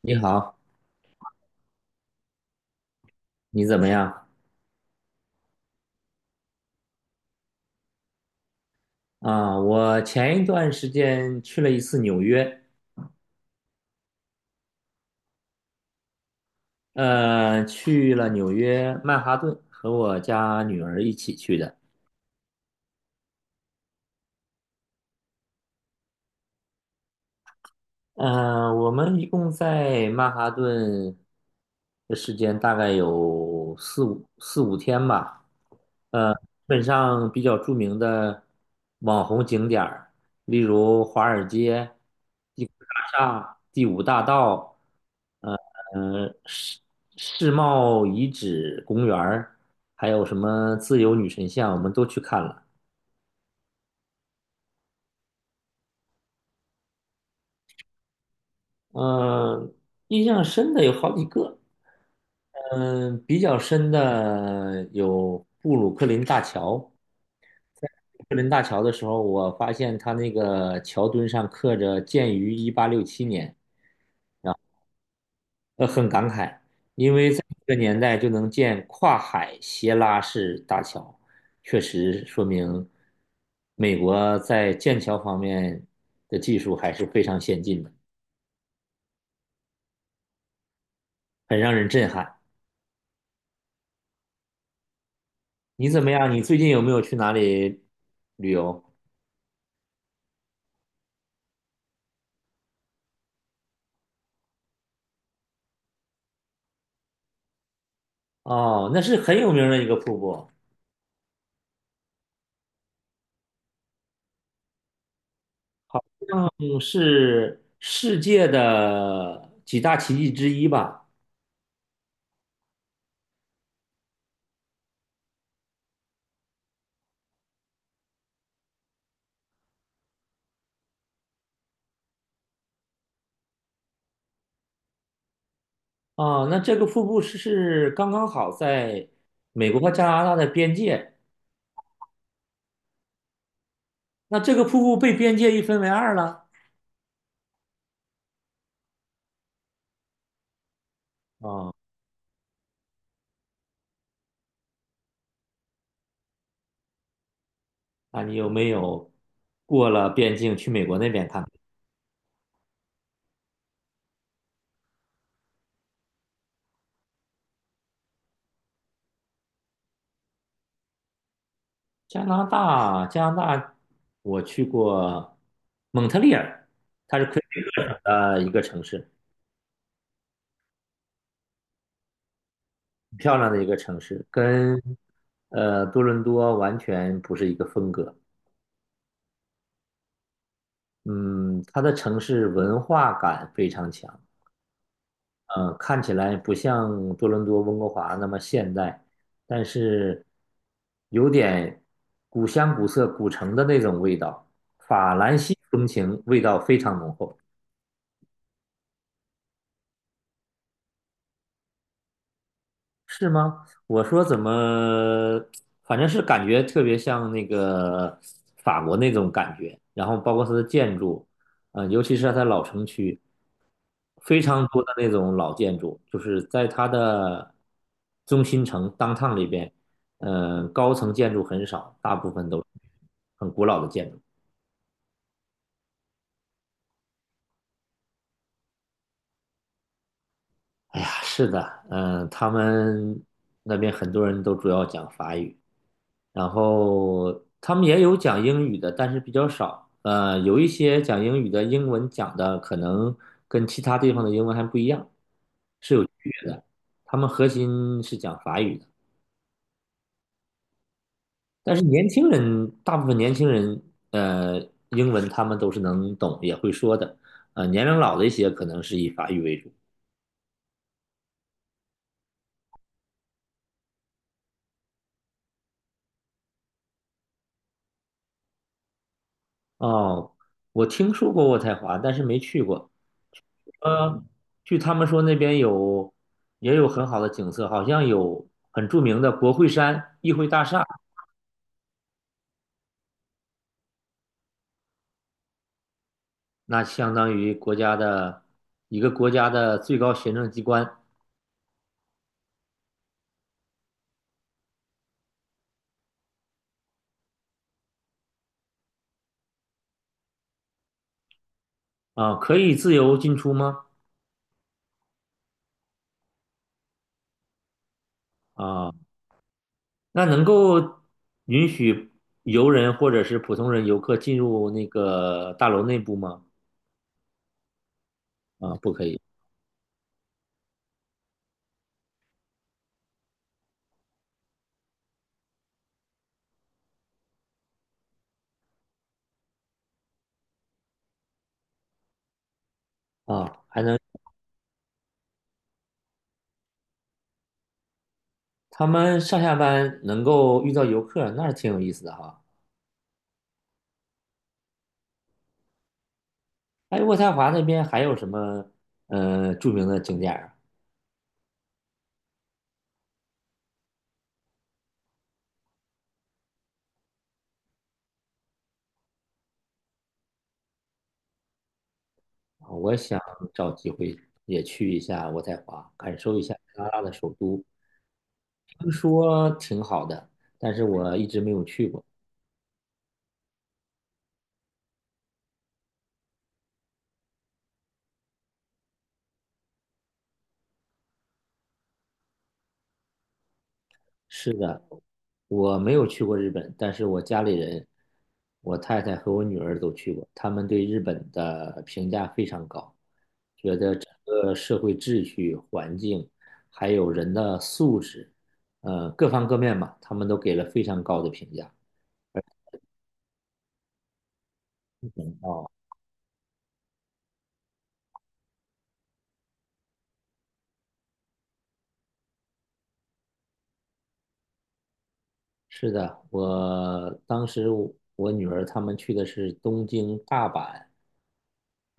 你好，你怎么样？我前一段时间去了一次纽约，去了纽约曼哈顿，和我家女儿一起去的。嗯、我们一共在曼哈顿的时间大概有四五天吧。基本上比较著名的网红景点儿，例如华尔街、第五大厦、第五大道。呃，世世贸遗址公园儿，还有什么自由女神像，我们都去看了。嗯、印象深的有好几个。嗯、比较深的有布鲁克林大桥。布鲁克林大桥的时候，我发现它那个桥墩上刻着“建于1867年”，很感慨，因为在这个年代就能建跨海斜拉式大桥，确实说明美国在建桥方面的技术还是非常先进的，很让人震撼。你怎么样？你最近有没有去哪里旅游？哦，那是很有名的一个瀑布，嗯，是世界的几大奇迹之一吧？哦，那这个瀑布是刚刚好在美国和加拿大的边界。那这个瀑布被边界一分为二了。啊，那你有没有过了边境去美国那边看看。加拿大，加拿大，我去过蒙特利尔一个城市，很漂亮的一个城市，跟多伦多完全不是一个风格。嗯，它的城市文化感非常强，嗯，看起来不像多伦多、温哥华那么现代，但是有点古香古色、古城的那种味道，法兰西风情味道非常浓厚。是吗？我说怎么，反正是感觉特别像那个法国那种感觉，然后包括它的建筑，尤其是它老城区。非常多的那种老建筑，就是在它的中心城当 o 里边，高层建筑很少，大部分都是很古老的建筑。哎呀，是的，嗯、他们那边很多人都主要讲法语，然后他们也有讲英语的，但是比较少。有一些讲英语的，英文讲的可能跟其他地方的英文还不一样，他们核心是讲法语的。但是年轻人，大部分年轻人，呃，英文他们都是能懂，也会说的。年龄老的一些可能是以法语为主。哦，我听说过渥太华，但是没去过。呃，据他们说那边有也有很好的景色，好像有很著名的国会山、议会大厦，那相当于国家的一个国家的最高行政机关。啊，可以自由进出吗？啊、那能够允许游人或者是普通人游客进入那个大楼内部吗？啊，不可以。啊，还能他们上下班能够遇到游客，那是挺有意思的哈。哎，渥太华那边还有什么著名的景点儿。啊？我想找机会也去一下渥太华，感受一下加拿大的首都，听说挺好的，但是我一直没有去过。是的，我没有去过日本，但是我家里人，我太太和我女儿都去过，他们对日本的评价非常高，觉得整个社会秩序、环境，还有人的素质，各方各面吧，他们都给了非常高的评价。嗯，是的，我当时我女儿他们去的是东京、大阪，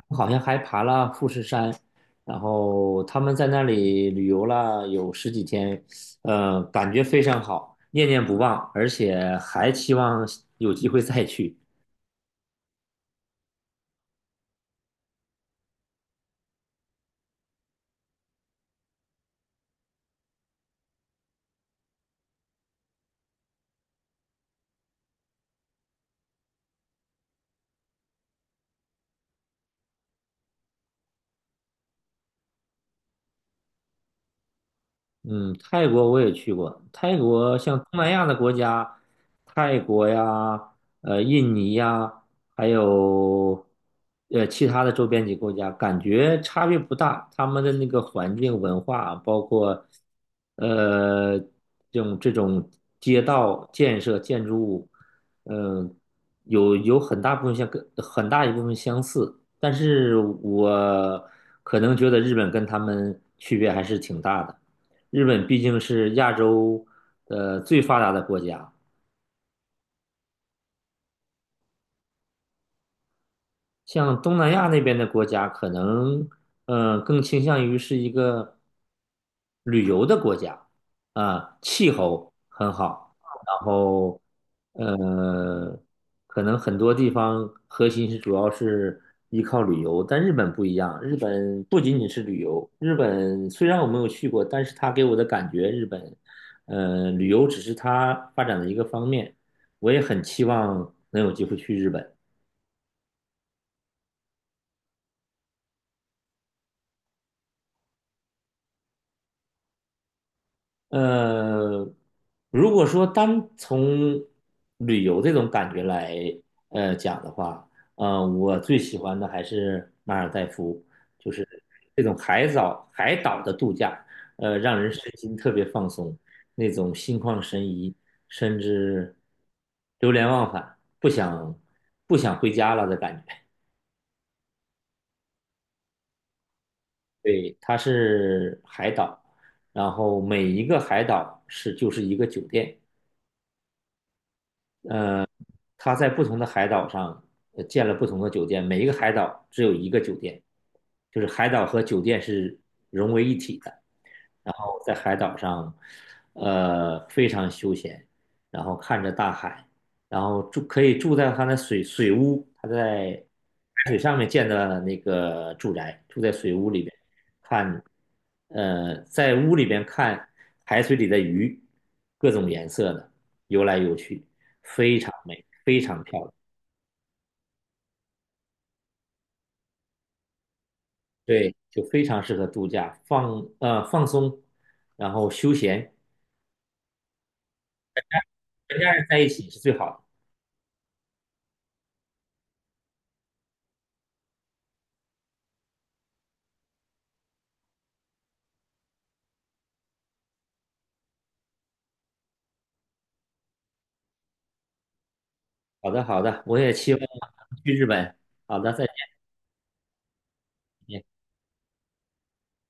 好像还爬了富士山，然后他们在那里旅游了有十几天，感觉非常好，念念不忘，而且还期望有机会再去。嗯，泰国我也去过。泰国像东南亚的国家，泰国呀，印尼呀，还有其他的周边几个国家，感觉差别不大。他们的那个环境、文化啊，包括这种街道建设、建筑物，嗯、有很大部分像跟很大一部分相似，但是我可能觉得日本跟他们区别还是挺大的。日本毕竟是亚洲最发达的国家，像东南亚那边的国家，可能更倾向于是一个旅游的国家。啊、气候很好，然后呃，可能很多地方核心是主要是依靠旅游，但日本不一样，日本不仅仅是旅游，日本虽然我没有去过，但是它给我的感觉，日本旅游只是它发展的一个方面，我也很期望能有机会去日本。呃，如果说单从旅游这种感觉来讲的话，我最喜欢的还是马尔代夫，就是这种海藻海岛的度假，让人身心特别放松，那种心旷神怡，甚至流连忘返，不想回家了的感觉。对，它是海岛，然后每一个海岛是就是一个酒店。呃，他在不同的海岛上建了不同的酒店，每一个海岛只有一个酒店，就是海岛和酒店是融为一体的。然后在海岛上，非常休闲，然后看着大海，然后住可以住在他的水屋，他在海水上面建的那个住宅，住在水屋里边，看，在屋里边看海水里的鱼，各种颜色的游来游去，非常美，非常漂亮，对，就非常适合度假，放松，然后休闲，全家人在一起是最好的。好的，好的，我也期望去日本。好的，再见。